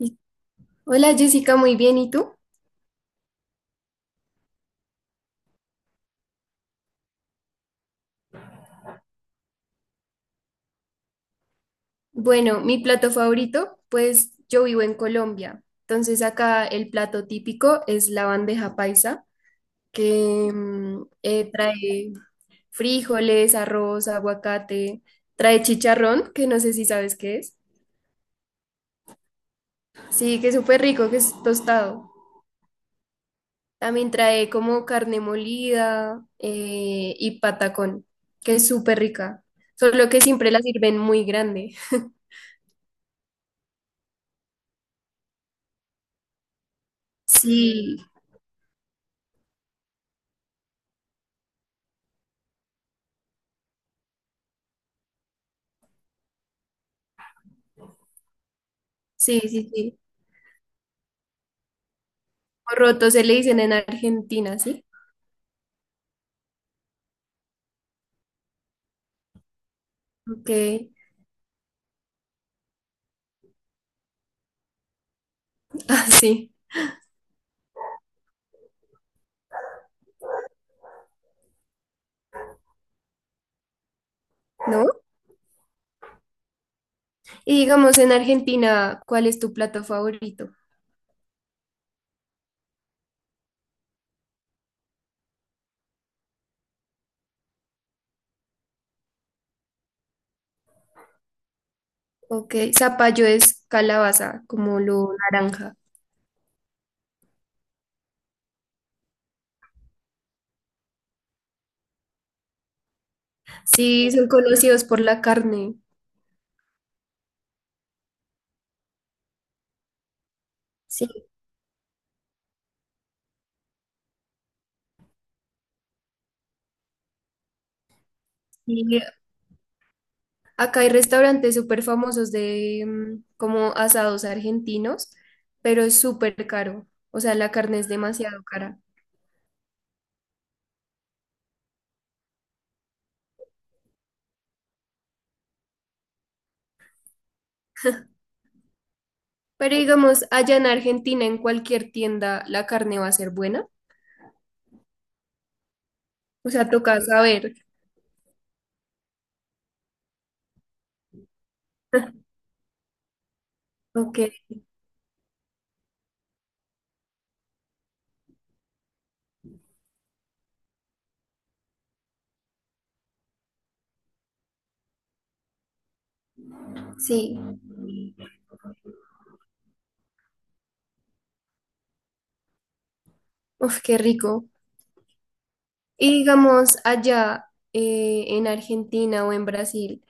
Y- Hola Jessica, muy bien. ¿Y tú? Bueno, mi plato favorito, pues yo vivo en Colombia. Entonces acá el plato típico es la bandeja paisa, que trae frijoles, arroz, aguacate, trae chicharrón, que no sé si sabes qué es. Sí, que es súper rico, que es tostado. También trae como carne molida y patacón, que es súper rica. Solo que siempre la sirven muy grande. Sí, sí, sí, sí. Roto se le dicen en Argentina, ¿sí? Ok, así, ¿no? Y digamos en Argentina, ¿cuál es tu plato favorito? Ok, zapallo es calabaza, como lo naranja. Sí, son conocidos por la carne. Sí, y acá hay restaurantes súper famosos de como asados argentinos, pero es súper caro. O sea, la carne es demasiado cara. Pero digamos, allá en Argentina, en cualquier tienda, la carne va a ser buena. O sea, toca saber. Ok. Sí, uf, qué rico. Y digamos, allá en Argentina o en Brasil,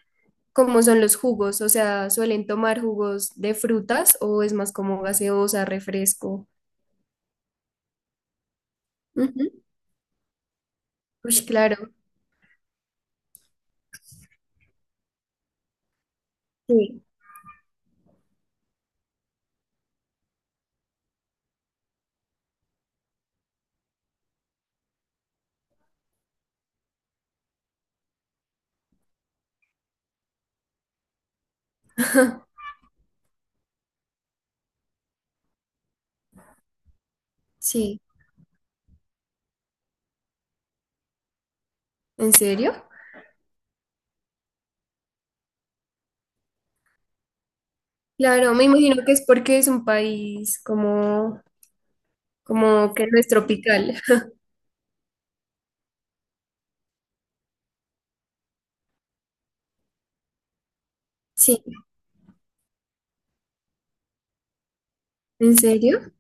¿cómo son los jugos? O sea, ¿suelen tomar jugos de frutas o es más como gaseosa, refresco? Ujú. Ush, claro. Sí, sí. ¿En serio? Claro, me imagino que es porque es un país como, como que no es tropical. Sí, ¿en serio?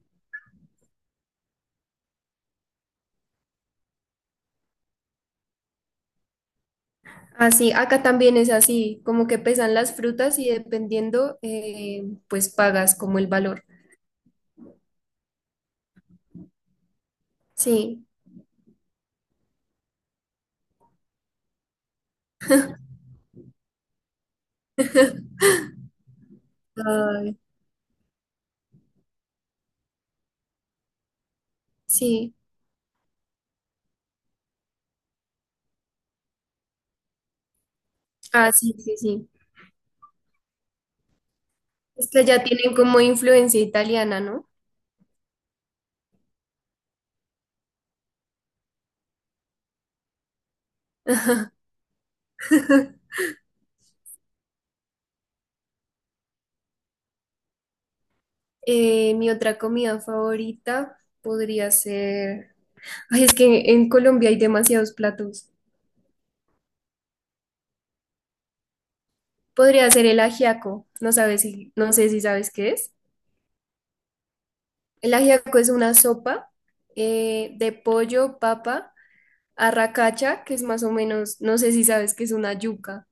Así, acá también es así, como que pesan las frutas y dependiendo, pues pagas como el valor. Sí. Ay, sí. Ah, sí, sí, sí. Es que ya tienen como influencia italiana, ¿no? Mi otra comida favorita podría ser... Ay, es que en Colombia hay demasiados platos. Podría ser el ajiaco. No sabes si, no sé si sabes qué es. El ajiaco es una sopa de pollo, papa, arracacha, que es más o menos, no sé si sabes que es una yuca.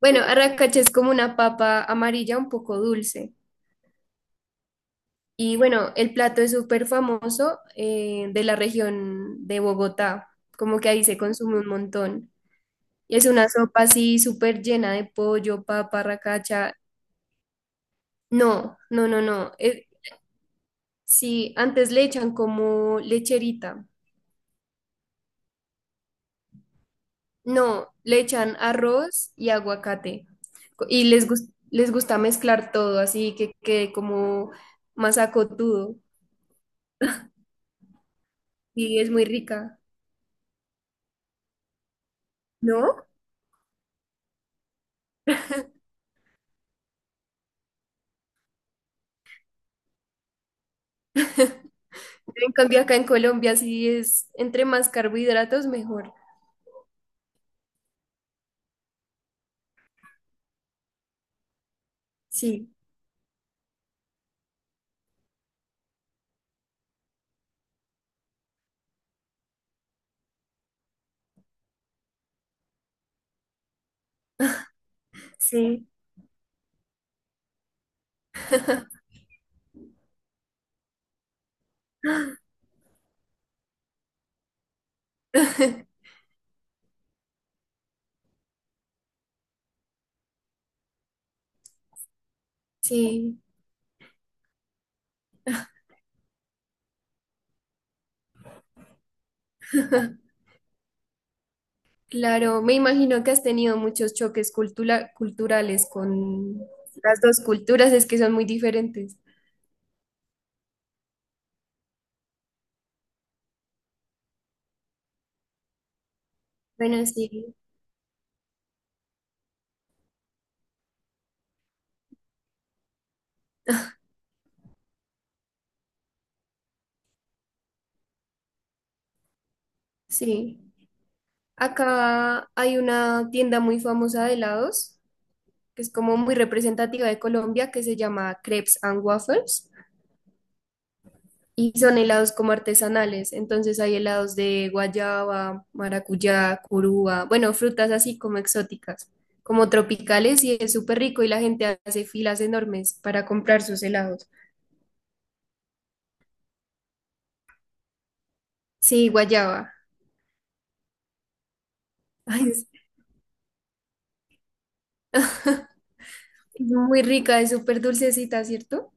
Bueno, arracacha es como una papa amarilla un poco dulce. Y bueno, el plato es súper famoso de la región de Bogotá, como que ahí se consume un montón. Y es una sopa así súper llena de pollo, papa, racacha. No, no, no, no. Sí, antes le echan como lecherita. No, le echan arroz y aguacate. Co- Y les, gus- les gusta mezclar todo, así que quede como más acotudo. Y es muy rica, ¿no? En cambio, acá en Colombia sí es entre más carbohidratos mejor. Sí, sí, sí. Claro, me imagino que has tenido muchos choques cultura- culturales con las dos culturas, es que son muy diferentes. Bueno, sí, sí. Acá hay una tienda muy famosa de helados, que es como muy representativa de Colombia, que se llama Crepes and Waffles. Y son helados como artesanales, entonces hay helados de guayaba, maracuyá, curúa, bueno, frutas así como exóticas, como tropicales y es súper rico y la gente hace filas enormes para comprar sus helados. Sí, guayaba. Ay, es muy rica, es súper dulcecita, ¿cierto?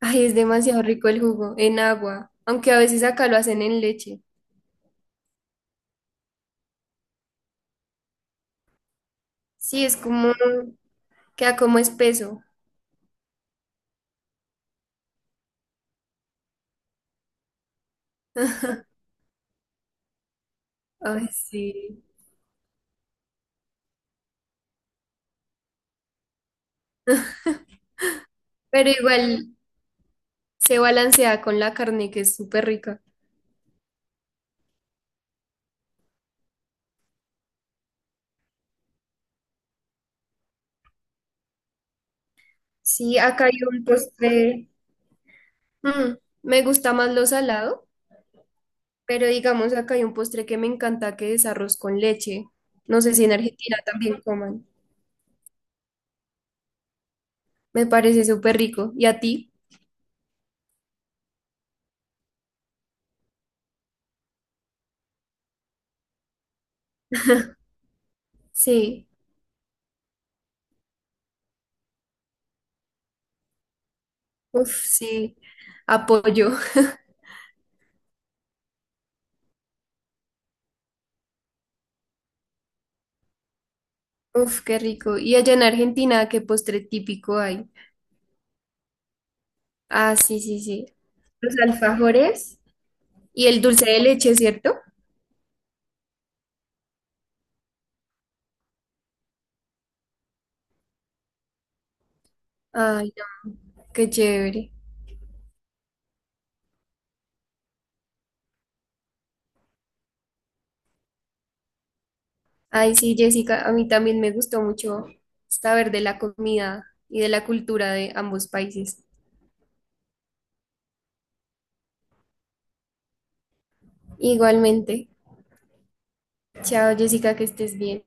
Ay, es demasiado rico el jugo, en agua, aunque a veces acá lo hacen en leche. Sí, es como, queda como espeso. Ay, sí. Pero igual se balancea con la carne, que es súper rica. Sí, acá hay un postre. mm, Me gusta más lo salado, pero digamos acá hay un postre que me encanta que es arroz con leche. No sé si en Argentina también coman. Me parece súper rico. ¿Y a ti? Sí. Uf, sí. Apoyo. Uf, qué rico. ¿Y allá en Argentina qué postre típico hay? Ah, sí, sí, sí. Los alfajores y el dulce de leche, ¿cierto? Ay, no, qué chévere. Ay, sí, Jessica, a mí también me gustó mucho saber de la comida y de la cultura de ambos países. Igualmente. Chao, Jessica, que estés bien.